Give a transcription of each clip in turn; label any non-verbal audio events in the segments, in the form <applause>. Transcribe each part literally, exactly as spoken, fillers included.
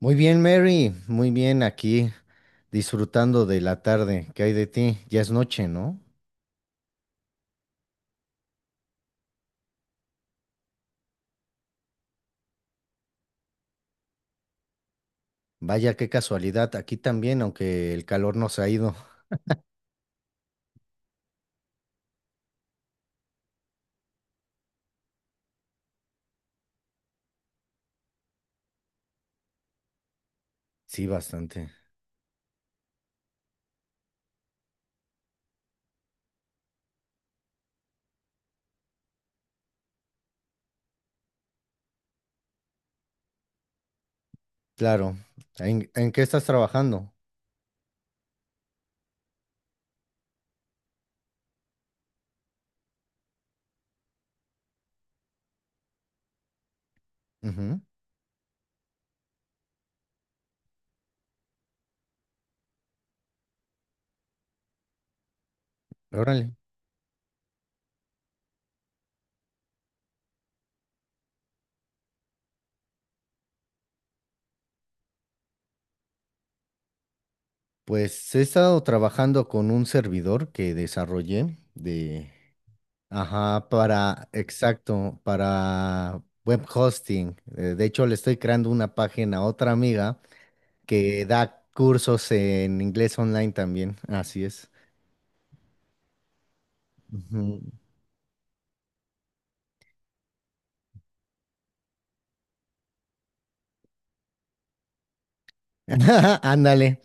Muy bien, Mary, muy bien aquí, disfrutando de la tarde. ¿Qué hay de ti? Ya es noche, ¿no? Vaya, qué casualidad. Aquí también, aunque el calor nos ha ido. Sí, bastante. Claro. ¿En, en qué estás trabajando? Ujú. Órale. Pues he estado trabajando con un servidor que desarrollé de... Ajá, para, exacto, para web hosting. Eh, De hecho, le estoy creando una página a otra amiga que da cursos en inglés online también, así es. Ujú. <laughs> Ándale,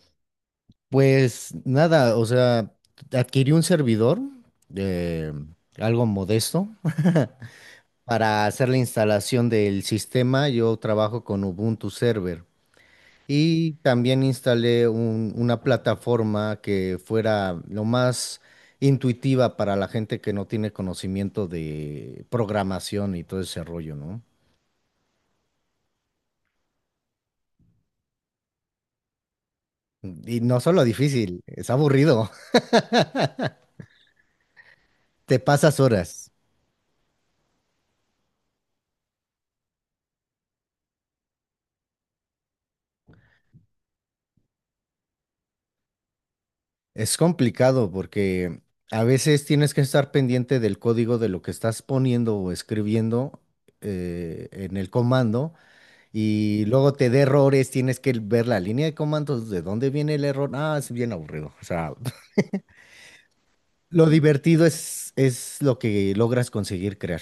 pues nada, o sea, adquirí un servidor de algo modesto <laughs> para hacer la instalación del sistema. Yo trabajo con Ubuntu Server y también instalé un- una plataforma que fuera lo más intuitiva para la gente que no tiene conocimiento de programación y todo ese rollo, ¿no? Y no solo difícil, es aburrido. <laughs> Te pasas horas. Es complicado porque a veces tienes que estar pendiente del código de lo que estás poniendo o escribiendo eh, en el comando y luego te da errores, tienes que ver la línea de comandos, de dónde viene el error. Ah, es bien aburrido. O sea, <laughs> lo divertido es, es lo que logras conseguir crear.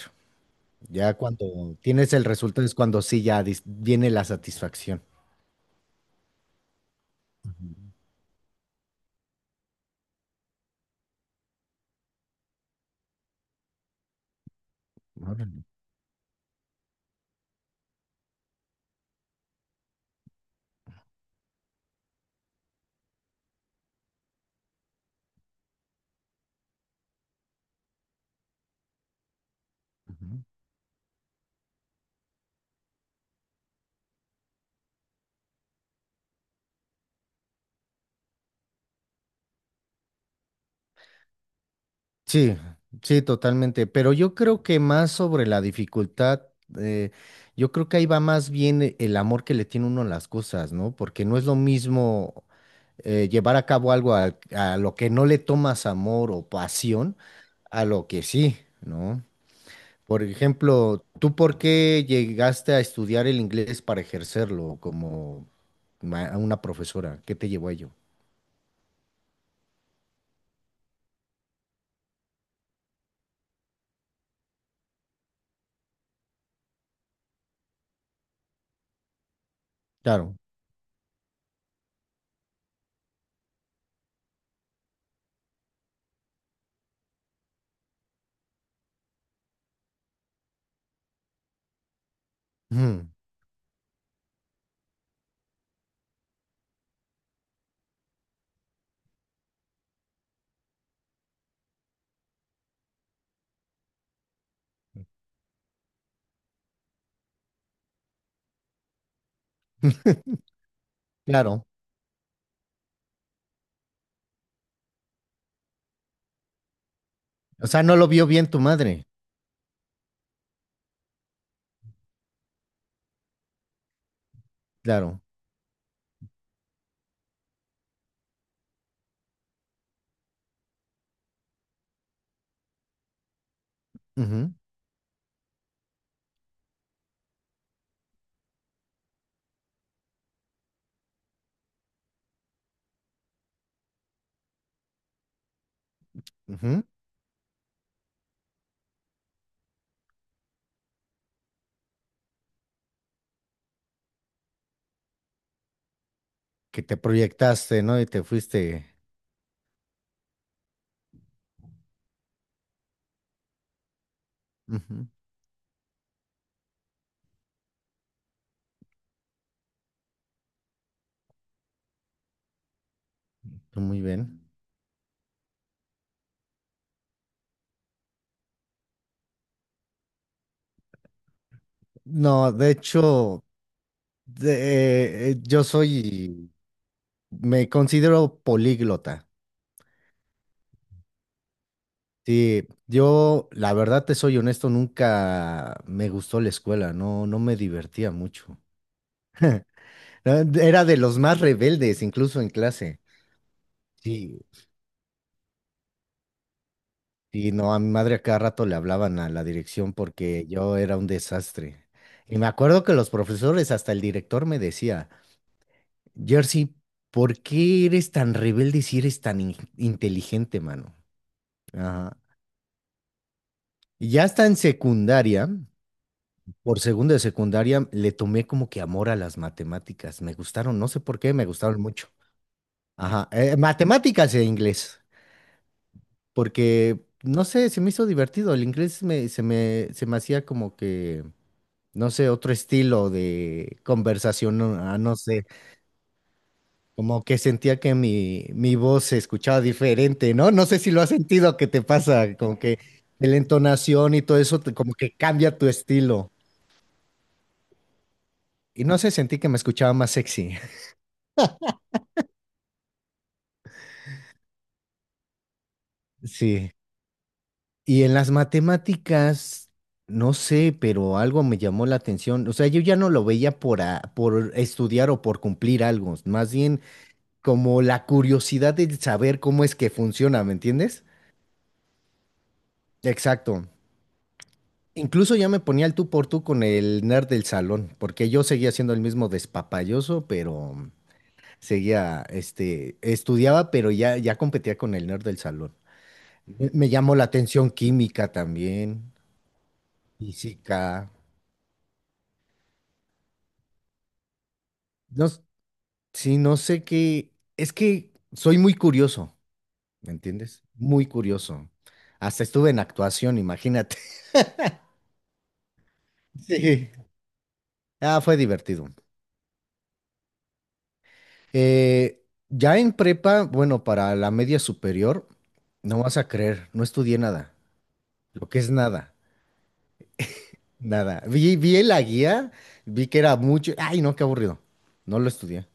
Ya cuando tienes el resultado es cuando sí ya dis- viene la satisfacción. Órale. Ujú. Sí, sí, totalmente. Pero yo creo que más sobre la dificultad, eh, yo creo que ahí va más bien e- el amor que le tiene uno a las cosas, ¿no? Porque no es lo mismo eh, llevar a cabo algo al- a, lo que no le tomas amor o pasión a lo que sí, ¿no? Por ejemplo, ¿tú por qué llegaste a estudiar el inglés para ejercerlo como ma- una profesora? ¿Qué te llevó a ello? Claro. Ujú. <laughs> Claro. O sea, no lo vio bien tu madre. Claro. Ujú, ujú. Que te proyectaste, ¿no? Y te fuiste. Ujú. Muy bien. No, de hecho, de- eh, yo soy, me considero políglota. Sí, yo, la verdad te soy honesto, nunca me gustó la escuela, no, no me divertía mucho. Eh, Era de los más rebeldes, incluso en clase. Sí. Y no, a mi madre a cada rato le hablaban a la dirección porque yo era un desastre. Y me acuerdo que los profesores, hasta el director me decía, Jersey, ¿por qué eres tan rebelde si eres tan in- inteligente, mano? Ajá. Y ya está en secundaria, por segundo de secundaria, le tomé como que amor a las matemáticas. Me gustaron, no sé por qué, me gustaron mucho. Ajá, eh, matemáticas e inglés, porque, no sé, se me hizo divertido. El inglés me- se me, se me hacía como que, no sé, otro estilo de conversación, no, ah, no sé. Como que sentía que mi, mi voz se escuchaba diferente, ¿no? No sé si lo has sentido, ¿que te pasa? Como que de la entonación y todo eso, te- como que cambia tu estilo. Y no sé, sentí que me escuchaba más sexy. <laughs> Sí. Y en las matemáticas, no sé, pero algo me llamó la atención. O sea, yo ya no lo veía por, a- por estudiar o por cumplir algo, más bien como la curiosidad de saber cómo es que funciona, ¿me entiendes? Exacto. Incluso ya me ponía el tú por tú con el nerd del salón, porque yo seguía siendo el mismo despapalloso, pero seguía, este, estudiaba, pero ya, ya competía con el nerd del salón. Me, me llamó la atención química también, física. No, s- sí, no sé qué. Es que soy muy curioso, ¿me entiendes? Muy curioso. Hasta estuve en actuación, imagínate. <laughs> Sí. Ah, fue divertido. Eh, ya en prepa, bueno, para la media superior, no vas a creer, no estudié nada. Lo que es nada, nada. Vi, vi la guía, vi que era mucho. Ay, no, qué aburrido. No lo estudié.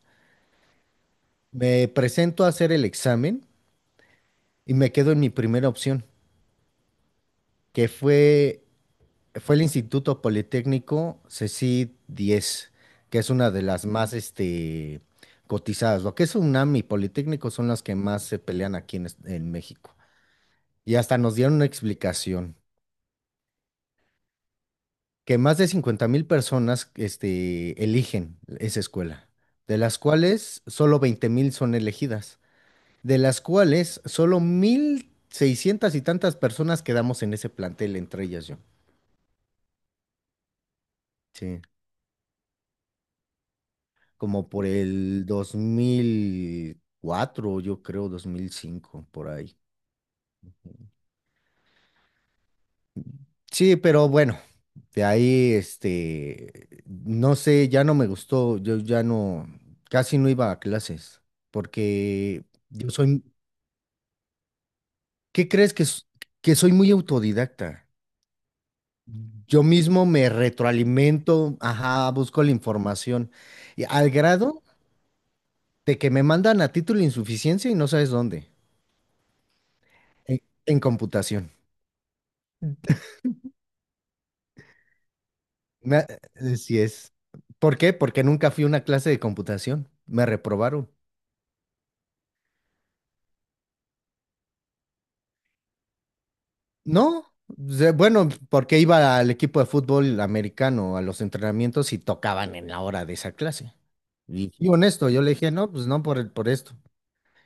Me presento a hacer el examen y me quedo en mi primera opción, que fue, fue el Instituto Politécnico C E C I D diez, que es una de las más este, cotizadas. Lo que es UNAM y Politécnico son las que más se pelean aquí en, es- en México. Y hasta nos dieron una explicación, que más de cincuenta mil personas este, eligen esa escuela, de las cuales solo veinte mil son elegidas, de las cuales solo mil seiscientas y tantas personas quedamos en ese plantel, entre ellas yo. Sí, como por el dos mil cuatro yo creo, dos mil cinco por ahí. Sí, pero bueno, de ahí, este, no sé, ya no me gustó, yo ya no, casi no iba a clases, porque yo soy, ¿qué crees que, s- que soy muy autodidacta? Yo mismo me retroalimento, ajá, busco la información, y al grado de que me mandan a título de insuficiencia y no sabes dónde, en, en computación. Me- así es. ¿Por qué? Porque nunca fui a una clase de computación, me reprobaron. No, de- bueno, porque iba al equipo de fútbol americano a los entrenamientos y tocaban en la hora de esa clase. Y, y honesto, yo le dije, no, pues no por el, por esto.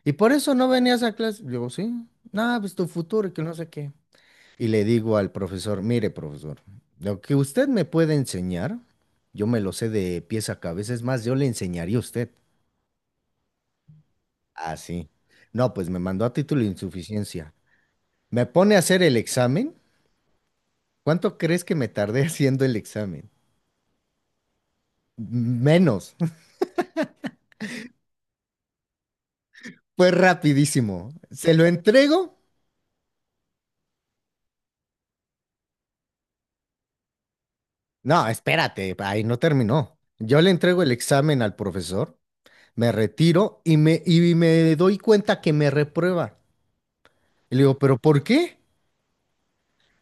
Y por eso no venía a esa clase. Digo, sí, nada, pues tu futuro y que no sé qué. Y le digo al profesor, mire, profesor, lo que usted me puede enseñar, yo me lo sé de pies a cabeza, es más, yo le enseñaría a usted. Ah, sí. No, pues me mandó a título de insuficiencia. Me pone a hacer el examen. ¿Cuánto crees que me tardé <laughs> haciendo el examen? Menos. <laughs> Fue rapidísimo. ¿Se lo entrego? No, espérate, ahí no terminó. Yo le entrego el examen al profesor, me retiro y me, y me doy cuenta que me reprueba. Y le digo, ¿pero por qué?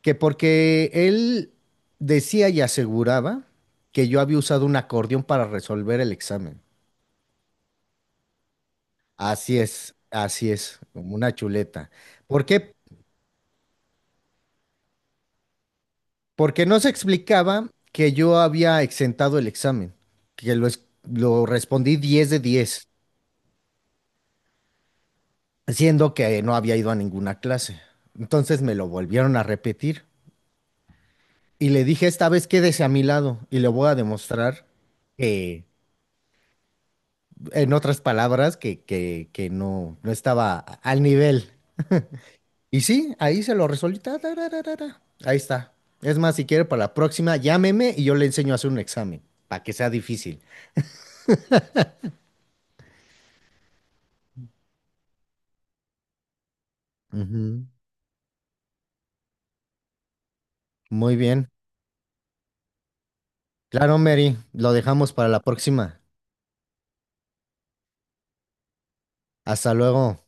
Que porque él decía y aseguraba que yo había usado un acordeón para resolver el examen. Así es, así es, como una chuleta. ¿Por qué? Porque no se explicaba que yo había exentado el examen, que lo, es- lo respondí diez de diez, siendo que no había ido a ninguna clase. Entonces me lo volvieron a repetir y le dije, esta vez quédese a mi lado y le voy a demostrar que, en otras palabras, que, que, que no, no estaba al nivel. Y sí, ahí se lo resolví. Ta, ta, ra, ra, ra, ra. Ahí está. Es más, si quiere para la próxima, llámeme y yo le enseño a hacer un examen, para que sea difícil. Ujú. Muy bien. Claro, Mary, lo dejamos para la próxima. Hasta luego.